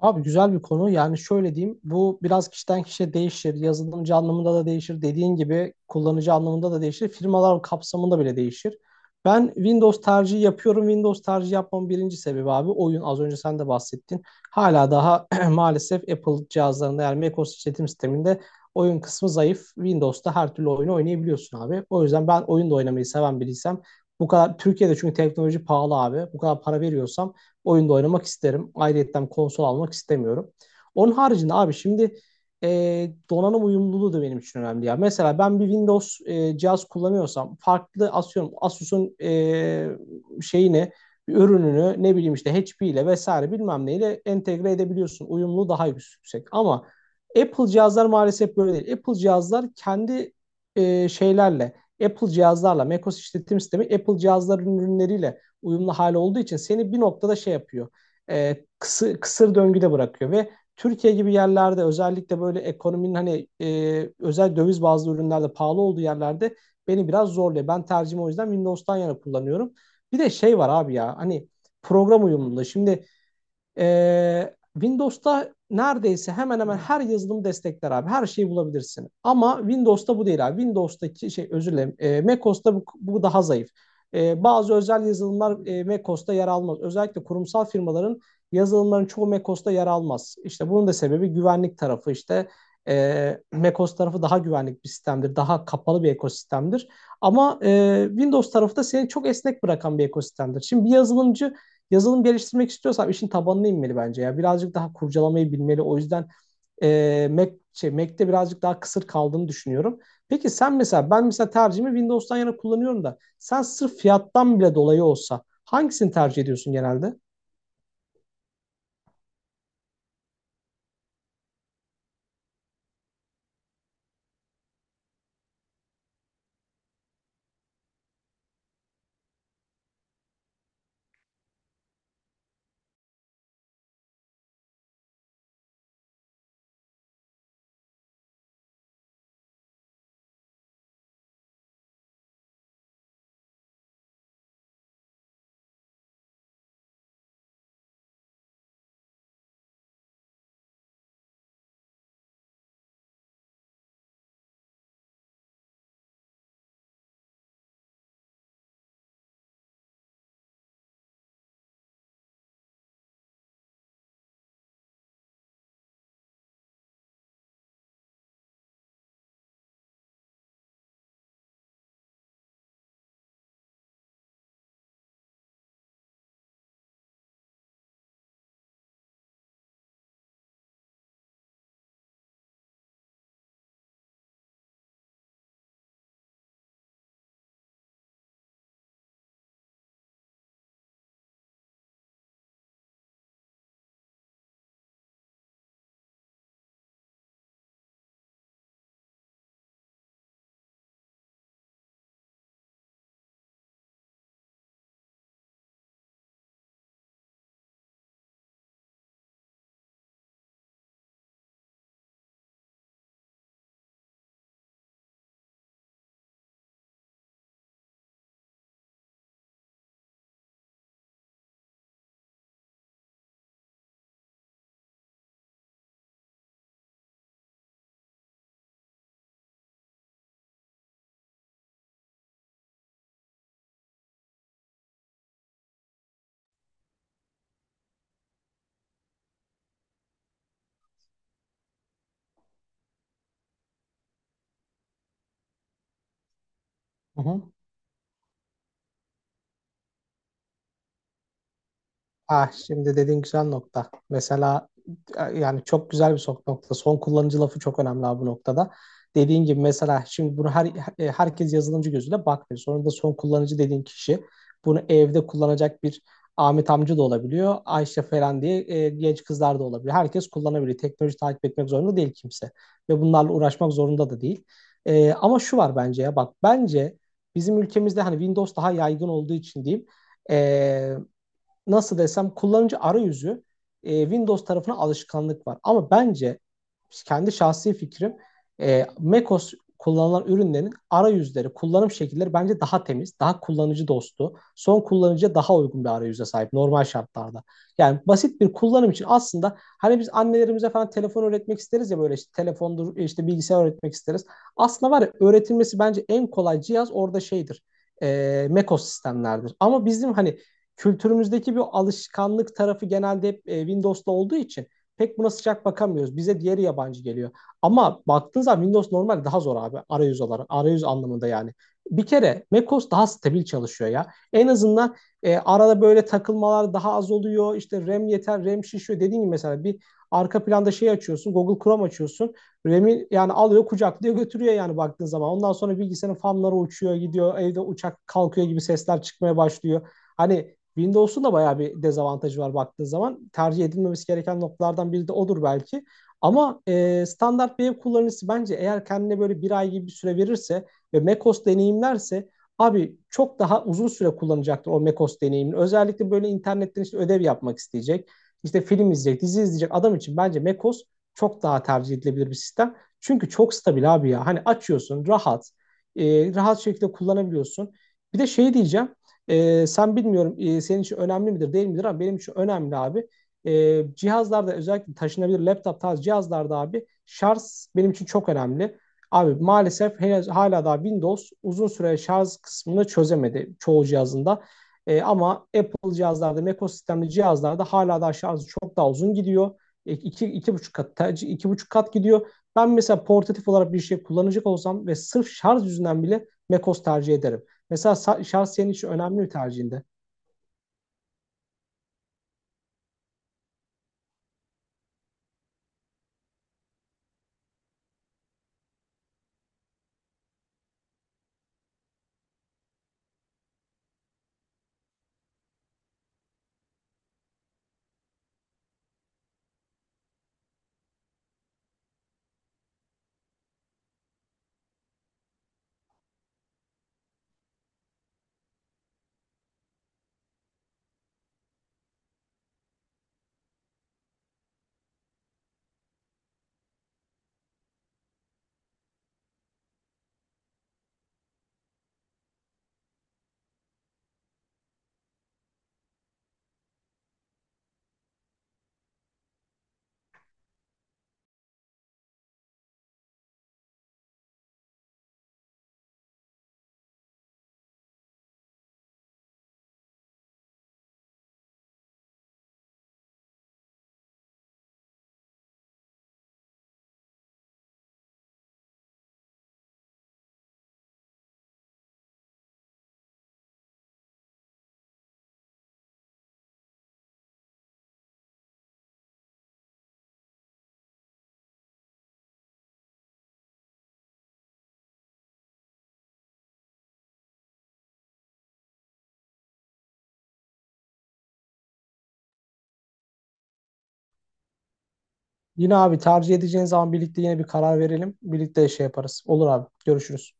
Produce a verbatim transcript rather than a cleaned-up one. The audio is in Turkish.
Abi güzel bir konu. Yani şöyle diyeyim. Bu biraz kişiden kişiye değişir. Yazılımcı anlamında da değişir. Dediğin gibi kullanıcı anlamında da değişir. Firmalar kapsamında bile değişir. Ben Windows tercihi yapıyorum. Windows tercihi yapmamın birinci sebebi abi oyun. Az önce sen de bahsettin. Hala daha maalesef Apple cihazlarında yani macOS işletim sisteminde oyun kısmı zayıf. Windows'ta her türlü oyunu oynayabiliyorsun abi. O yüzden ben oyun da oynamayı seven biriysem bu kadar Türkiye'de çünkü teknoloji pahalı abi. Bu kadar para veriyorsam oyunda oynamak isterim. Ayrıyetten konsol almak istemiyorum. Onun haricinde abi şimdi e, donanım uyumluluğu da benim için önemli ya. Mesela ben bir Windows e, cihaz kullanıyorsam farklı asıyorum Asus'un e, şeyini bir ürününü ne bileyim işte H P ile vesaire bilmem neyle entegre edebiliyorsun. Uyumluluğu daha yüksek ama Apple cihazlar maalesef böyle değil. Apple cihazlar kendi e, şeylerle Apple cihazlarla macOS işletim sistemi Apple cihazların ürünleriyle uyumlu hali olduğu için seni bir noktada şey yapıyor. E, kısı, kısır döngüde bırakıyor ve Türkiye gibi yerlerde özellikle böyle ekonominin hani e, özel döviz bazlı ürünlerde pahalı olduğu yerlerde beni biraz zorluyor. Ben tercihimi o yüzden Windows'tan yana kullanıyorum. Bir de şey var abi ya hani program uyumluluğu. Şimdi ee, Windows'ta neredeyse hemen hemen her yazılım destekler abi. Her şeyi bulabilirsin. Ama Windows'ta bu değil abi. Windows'taki şey özür dilerim. E, macOS'ta bu, bu daha zayıf. E, bazı özel yazılımlar e, macOS'ta yer almaz. Özellikle kurumsal firmaların yazılımların çoğu macOS'ta yer almaz. İşte bunun da sebebi güvenlik tarafı işte. E, macOS tarafı daha güvenlik bir sistemdir. Daha kapalı bir ekosistemdir. Ama e, Windows tarafı da seni çok esnek bırakan bir ekosistemdir. Şimdi bir yazılımcı yazılım geliştirmek istiyorsam işin tabanına inmeli bence ya. Birazcık daha kurcalamayı bilmeli. O yüzden e, Mac, şey, Mac'te birazcık daha kısır kaldığını düşünüyorum. Peki sen mesela ben mesela tercihimi Windows'tan yana kullanıyorum da sen sırf fiyattan bile dolayı olsa hangisini tercih ediyorsun genelde? Hı hı. Ah şimdi dediğin güzel nokta. Mesela e, yani çok güzel bir sok nokta. Son kullanıcı lafı çok önemli abi bu noktada. Dediğin gibi mesela şimdi bunu her e, herkes yazılımcı gözüyle bakmıyor. Sonra da son kullanıcı dediğin kişi bunu evde kullanacak bir Ahmet amca da olabiliyor. Ayşe falan diye e, genç kızlar da olabiliyor. Herkes kullanabiliyor. Teknoloji takip etmek zorunda değil kimse. Ve bunlarla uğraşmak zorunda da değil. E, ama şu var bence ya bak bence bizim ülkemizde hani Windows daha yaygın olduğu için diyeyim. E, Nasıl desem kullanıcı arayüzü e, Windows tarafına alışkanlık var. Ama bence kendi şahsi fikrim e, macOS kullanılan ürünlerin arayüzleri, kullanım şekilleri bence daha temiz, daha kullanıcı dostu, son kullanıcıya daha uygun bir arayüze sahip normal şartlarda. Yani basit bir kullanım için aslında hani biz annelerimize falan telefon öğretmek isteriz ya böyle işte telefondur, işte bilgisayar öğretmek isteriz. Aslında var ya öğretilmesi bence en kolay cihaz orada şeydir. E, macOS sistemlerdir. Ama bizim hani kültürümüzdeki bir alışkanlık tarafı genelde hep e, Windows'ta olduğu için pek buna sıcak bakamıyoruz. Bize diğeri yabancı geliyor. Ama baktığın zaman Windows normal daha zor abi arayüz olarak, arayüz anlamında yani. Bir kere macOS daha stabil çalışıyor ya. En azından e, arada böyle takılmalar daha az oluyor. İşte RAM yeter, RAM şişiyor. Dediğim gibi mesela bir arka planda şey açıyorsun, Google Chrome açıyorsun. R A M'i yani alıyor, kucaklıyor, götürüyor yani baktığın zaman. Ondan sonra bilgisayarın fanları uçuyor, gidiyor. Evde uçak kalkıyor gibi sesler çıkmaya başlıyor. Hani Windows'un da bayağı bir dezavantajı var baktığın zaman. Tercih edilmemesi gereken noktalardan biri de odur belki. Ama e, standart bir ev kullanıcısı bence eğer kendine böyle bir ay gibi bir süre verirse ve macOS deneyimlerse abi çok daha uzun süre kullanacaktır o macOS deneyimini. Özellikle böyle internetten işte ödev yapmak isteyecek, işte film izleyecek, dizi izleyecek adam için bence macOS çok daha tercih edilebilir bir sistem. Çünkü çok stabil abi ya. Hani açıyorsun rahat, e, rahat şekilde kullanabiliyorsun. Bir de şey diyeceğim. Ee, sen bilmiyorum e, senin için önemli midir değil midir ama benim için önemli abi. Ee, cihazlarda özellikle taşınabilir laptop tarzı cihazlarda abi şarj benim için çok önemli. Abi maalesef henüz hala daha Windows uzun süre şarj kısmını çözemedi çoğu cihazında. Ee, ama Apple cihazlarda, macOS sistemli cihazlarda hala daha şarjı çok daha uzun gidiyor. E, iki, iki buçuk kat, iki buçuk kat gidiyor. Ben mesela portatif olarak bir şey kullanacak olsam ve sırf şarj yüzünden bile macOS tercih ederim. Mesela sa- şans senin için önemli bir tercihinde. Yine abi tercih edeceğin zaman birlikte yine bir karar verelim. Birlikte şey yaparız. Olur abi. Görüşürüz.